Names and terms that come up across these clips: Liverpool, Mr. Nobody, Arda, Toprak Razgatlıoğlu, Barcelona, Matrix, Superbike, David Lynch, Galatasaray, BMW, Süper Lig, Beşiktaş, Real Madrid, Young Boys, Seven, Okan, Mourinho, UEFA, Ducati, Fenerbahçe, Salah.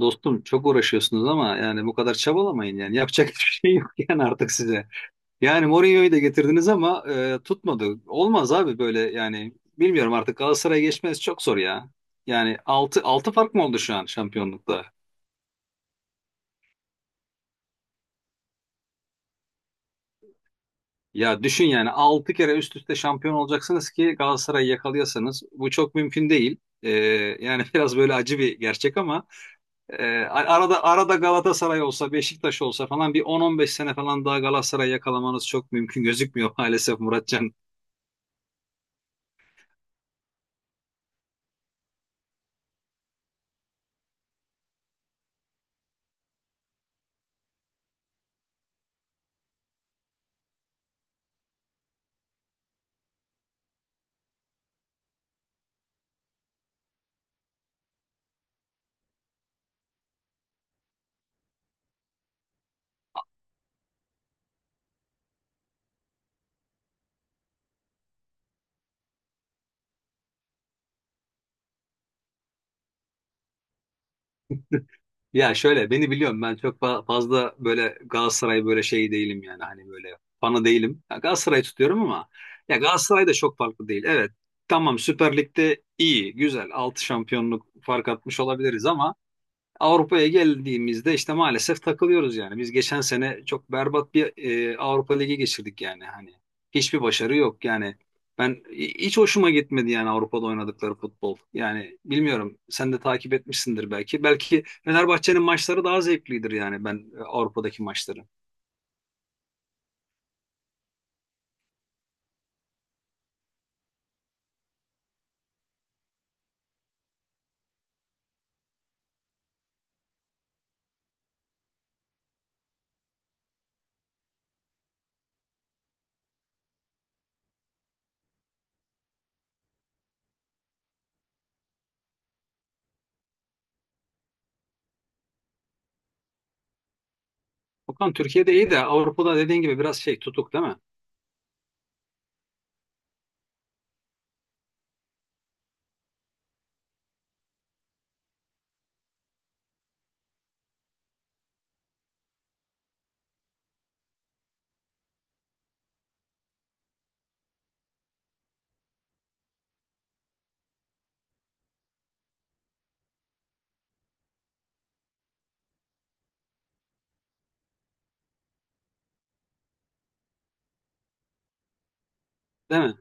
Dostum çok uğraşıyorsunuz ama yani bu kadar çabalamayın yani. Yapacak hiçbir şey yok yani artık size. Yani Mourinho'yu da getirdiniz ama tutmadı. Olmaz abi böyle yani bilmiyorum artık Galatasaray'a geçmeniz çok zor ya. Yani altı fark mı oldu şu an şampiyonlukta? Ya düşün yani 6 kere üst üste şampiyon olacaksınız ki Galatasaray'ı yakalıyorsanız bu çok mümkün değil. E, yani biraz böyle acı bir gerçek ama arada arada Galatasaray olsa, Beşiktaş olsa falan bir 10-15 sene falan daha Galatasaray yakalamanız çok mümkün gözükmüyor maalesef Muratcan. Ya şöyle beni biliyorum ben çok fazla böyle Galatasaray böyle şey değilim yani hani böyle fanı değilim. Ya Galatasaray tutuyorum ama ya Galatasaray da çok farklı değil. Evet tamam Süper Lig'de iyi, güzel 6 şampiyonluk fark atmış olabiliriz ama Avrupa'ya geldiğimizde işte maalesef takılıyoruz yani. Biz geçen sene çok berbat bir Avrupa Ligi geçirdik yani hani. Hiçbir başarı yok yani. Ben hiç hoşuma gitmedi yani Avrupa'da oynadıkları futbol. Yani bilmiyorum sen de takip etmişsindir belki. Belki Fenerbahçe'nin maçları daha zevklidir yani ben Avrupa'daki maçları. Okan Türkiye'de iyi de Avrupa'da dediğin gibi biraz şey tutuk değil mi? Değil mi?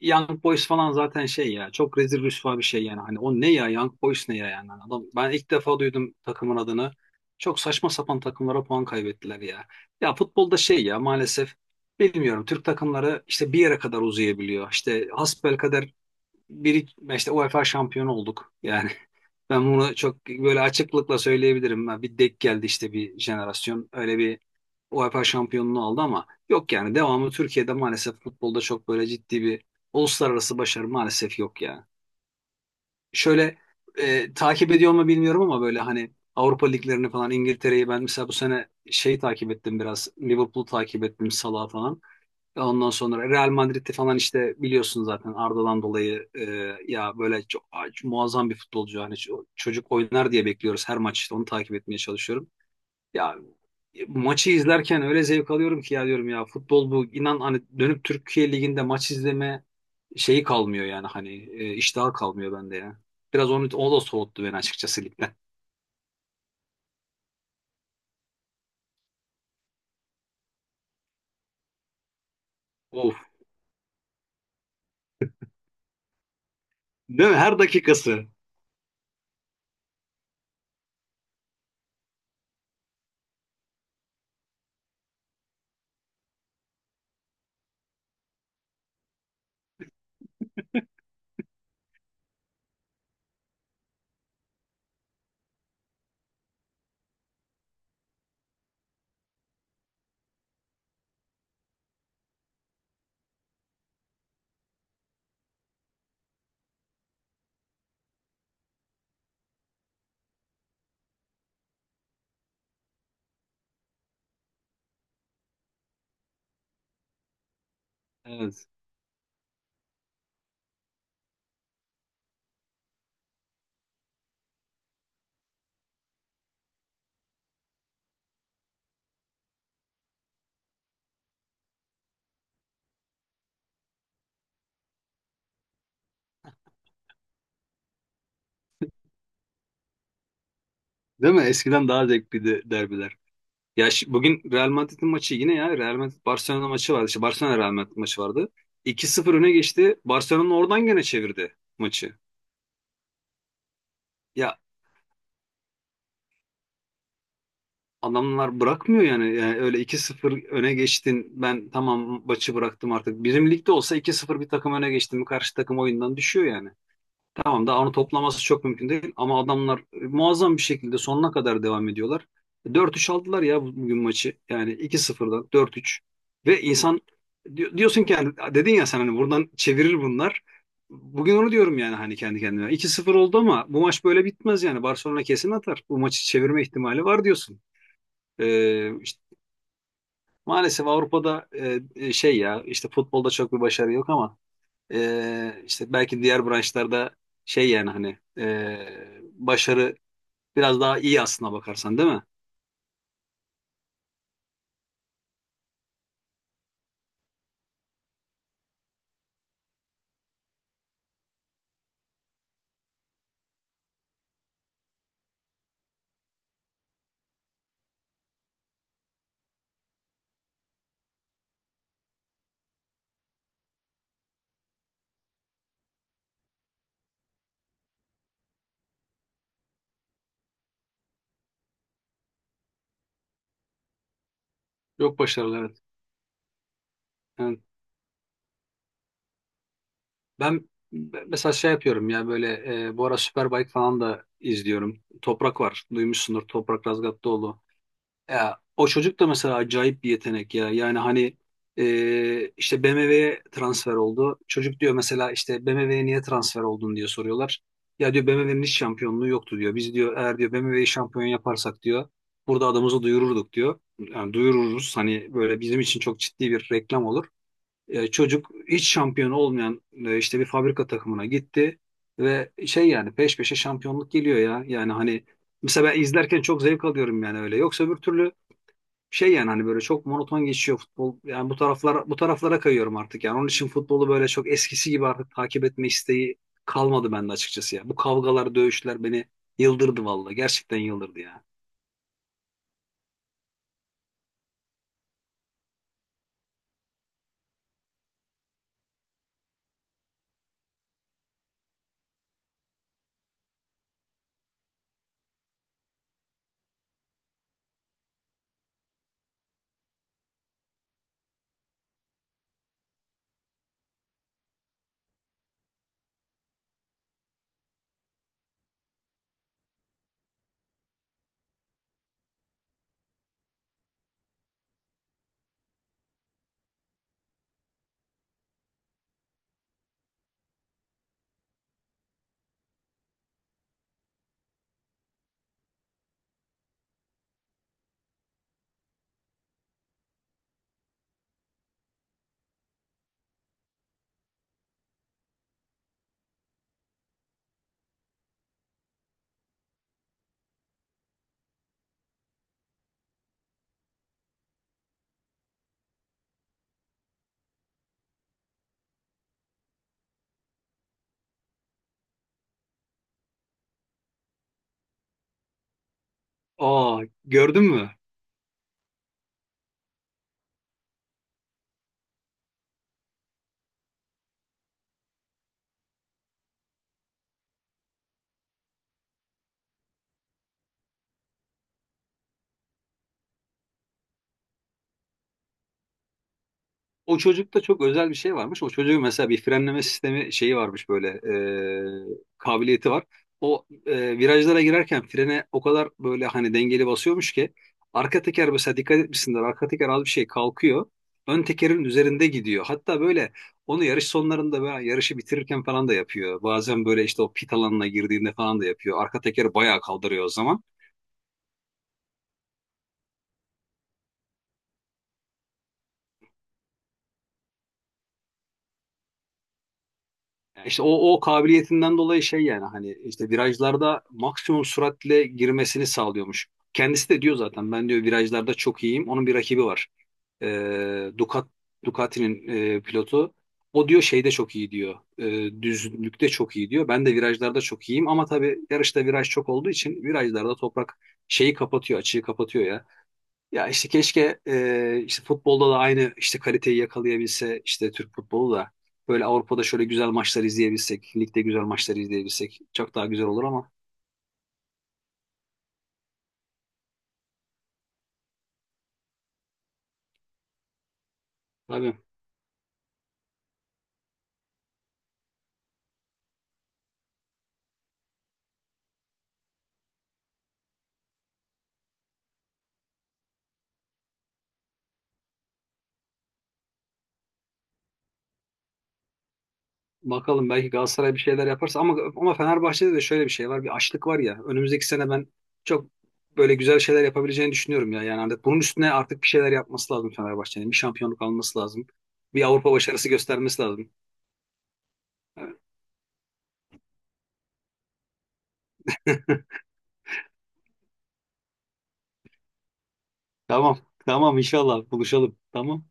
Young Boys falan zaten şey ya çok rezil rüsva bir şey yani. Hani o ne ya Young Boys ne ya yani. Hani adam, ben ilk defa duydum takımın adını. Çok saçma sapan takımlara puan kaybettiler ya. Ya futbolda şey ya maalesef bilmiyorum Türk takımları işte bir yere kadar uzayabiliyor. İşte hasbelkader bir işte UEFA şampiyonu olduk. Yani ben bunu çok böyle açıklıkla söyleyebilirim. Ha, bir denk geldi işte bir jenerasyon. Öyle bir UEFA şampiyonluğu aldı ama yok yani devamı Türkiye'de maalesef futbolda çok böyle ciddi bir uluslararası başarı maalesef yok ya. Şöyle takip ediyor mu bilmiyorum ama böyle hani Avrupa liglerini falan İngiltere'yi ben mesela bu sene şey takip ettim biraz. Liverpool'u takip ettim Salah'ı falan. Ondan sonra Real Madrid'de falan işte biliyorsun zaten Arda'dan dolayı ya böyle çok, muazzam bir futbolcu. Hani çocuk oynar diye bekliyoruz her maç işte onu takip etmeye çalışıyorum. Ya maçı izlerken öyle zevk alıyorum ki ya diyorum ya futbol bu inan hani dönüp Türkiye Ligi'nde maç izleme şeyi kalmıyor yani hani iştahı kalmıyor bende ya. Biraz onu, o da soğuttu beni açıkçası ligden. Of. Değil mi? Her dakikası. Evet. Değil mi? Eskiden daha zevkliydi derbiler. Ya bugün Real Madrid'in maçı yine ya Real Madrid Barcelona maçı vardı. İşte Barcelona Real Madrid maçı vardı. 2 sıfır öne geçti. Barcelona oradan gene çevirdi maçı. Ya adamlar bırakmıyor yani. Yani öyle iki sıfır öne geçtin. Ben tamam maçı bıraktım artık. Bizim ligde olsa iki sıfır bir takım öne geçtim mi, karşı takım oyundan düşüyor yani. Tamam daha onu toplaması çok mümkün değil ama adamlar muazzam bir şekilde sonuna kadar devam ediyorlar. Dört üç aldılar ya bugün maçı. Yani iki sıfır'dan dört üç ve insan diyorsun ki yani dedin ya sen hani buradan çevirir bunlar. Bugün onu diyorum yani hani kendi kendime. 2 sıfır oldu ama bu maç böyle bitmez yani. Barcelona kesin atar. Bu maçı çevirme ihtimali var diyorsun. İşte maalesef Avrupa'da şey ya işte futbolda çok bir başarı yok ama işte belki diğer branşlarda şey yani hani başarı biraz daha iyi aslına bakarsan değil mi? Yok başarılı evet. Yani ben mesela şey yapıyorum ya böyle bu ara Superbike falan da izliyorum. Toprak var. Duymuşsundur Toprak Razgatlıoğlu. Ya, o çocuk da mesela acayip bir yetenek ya. Yani hani işte BMW'ye transfer oldu. Çocuk diyor mesela işte BMW'ye niye transfer oldun diye soruyorlar. Ya diyor BMW'nin hiç şampiyonluğu yoktu diyor. Biz diyor eğer diyor BMW'yi şampiyon yaparsak diyor burada adımızı duyururduk diyor. Yani duyururuz hani böyle bizim için çok ciddi bir reklam olur. Çocuk hiç şampiyon olmayan işte bir fabrika takımına gitti ve şey yani peş peşe şampiyonluk geliyor ya. Yani hani mesela ben izlerken çok zevk alıyorum yani öyle. Yoksa öbür türlü şey yani hani böyle çok monoton geçiyor futbol. Yani bu taraflara bu taraflara kayıyorum artık yani. Onun için futbolu böyle çok eskisi gibi artık takip etme isteği kalmadı bende açıkçası ya. Bu kavgalar, dövüşler beni yıldırdı vallahi. Gerçekten yıldırdı ya. Aa, gördün mü? O çocukta çok özel bir şey varmış. O çocuğun mesela bir frenleme sistemi şeyi varmış böyle kabiliyeti var. O virajlara girerken frene o kadar böyle hani dengeli basıyormuş ki arka teker mesela dikkat etmişsindir arka teker az bir şey kalkıyor. Ön tekerin üzerinde gidiyor. Hatta böyle onu yarış sonlarında veya yarışı bitirirken falan da yapıyor. Bazen böyle işte o pit alanına girdiğinde falan da yapıyor. Arka teker bayağı kaldırıyor o zaman. Evet. İşte o kabiliyetinden dolayı şey yani hani işte virajlarda maksimum süratle girmesini sağlıyormuş. Kendisi de diyor zaten ben diyor virajlarda çok iyiyim. Onun bir rakibi var. Ee, Ducat, Ducati'nin pilotu. O diyor şeyde çok iyi diyor. Düzlükte çok iyi diyor. Ben de virajlarda çok iyiyim ama tabii yarışta viraj çok olduğu için virajlarda toprak şeyi kapatıyor, açığı kapatıyor ya. Ya işte keşke işte futbolda da aynı işte kaliteyi yakalayabilse işte Türk futbolu da böyle Avrupa'da şöyle güzel maçlar izleyebilsek, ligde güzel maçlar izleyebilsek çok daha güzel olur ama tabii bakalım belki Galatasaray bir şeyler yaparsa ama Fenerbahçe'de de şöyle bir şey var bir açlık var ya önümüzdeki sene ben çok böyle güzel şeyler yapabileceğini düşünüyorum ya yani hani bunun üstüne artık bir şeyler yapması lazım Fenerbahçe'nin bir şampiyonluk alması lazım bir Avrupa başarısı göstermesi lazım. Tamam tamam, inşallah buluşalım tamam.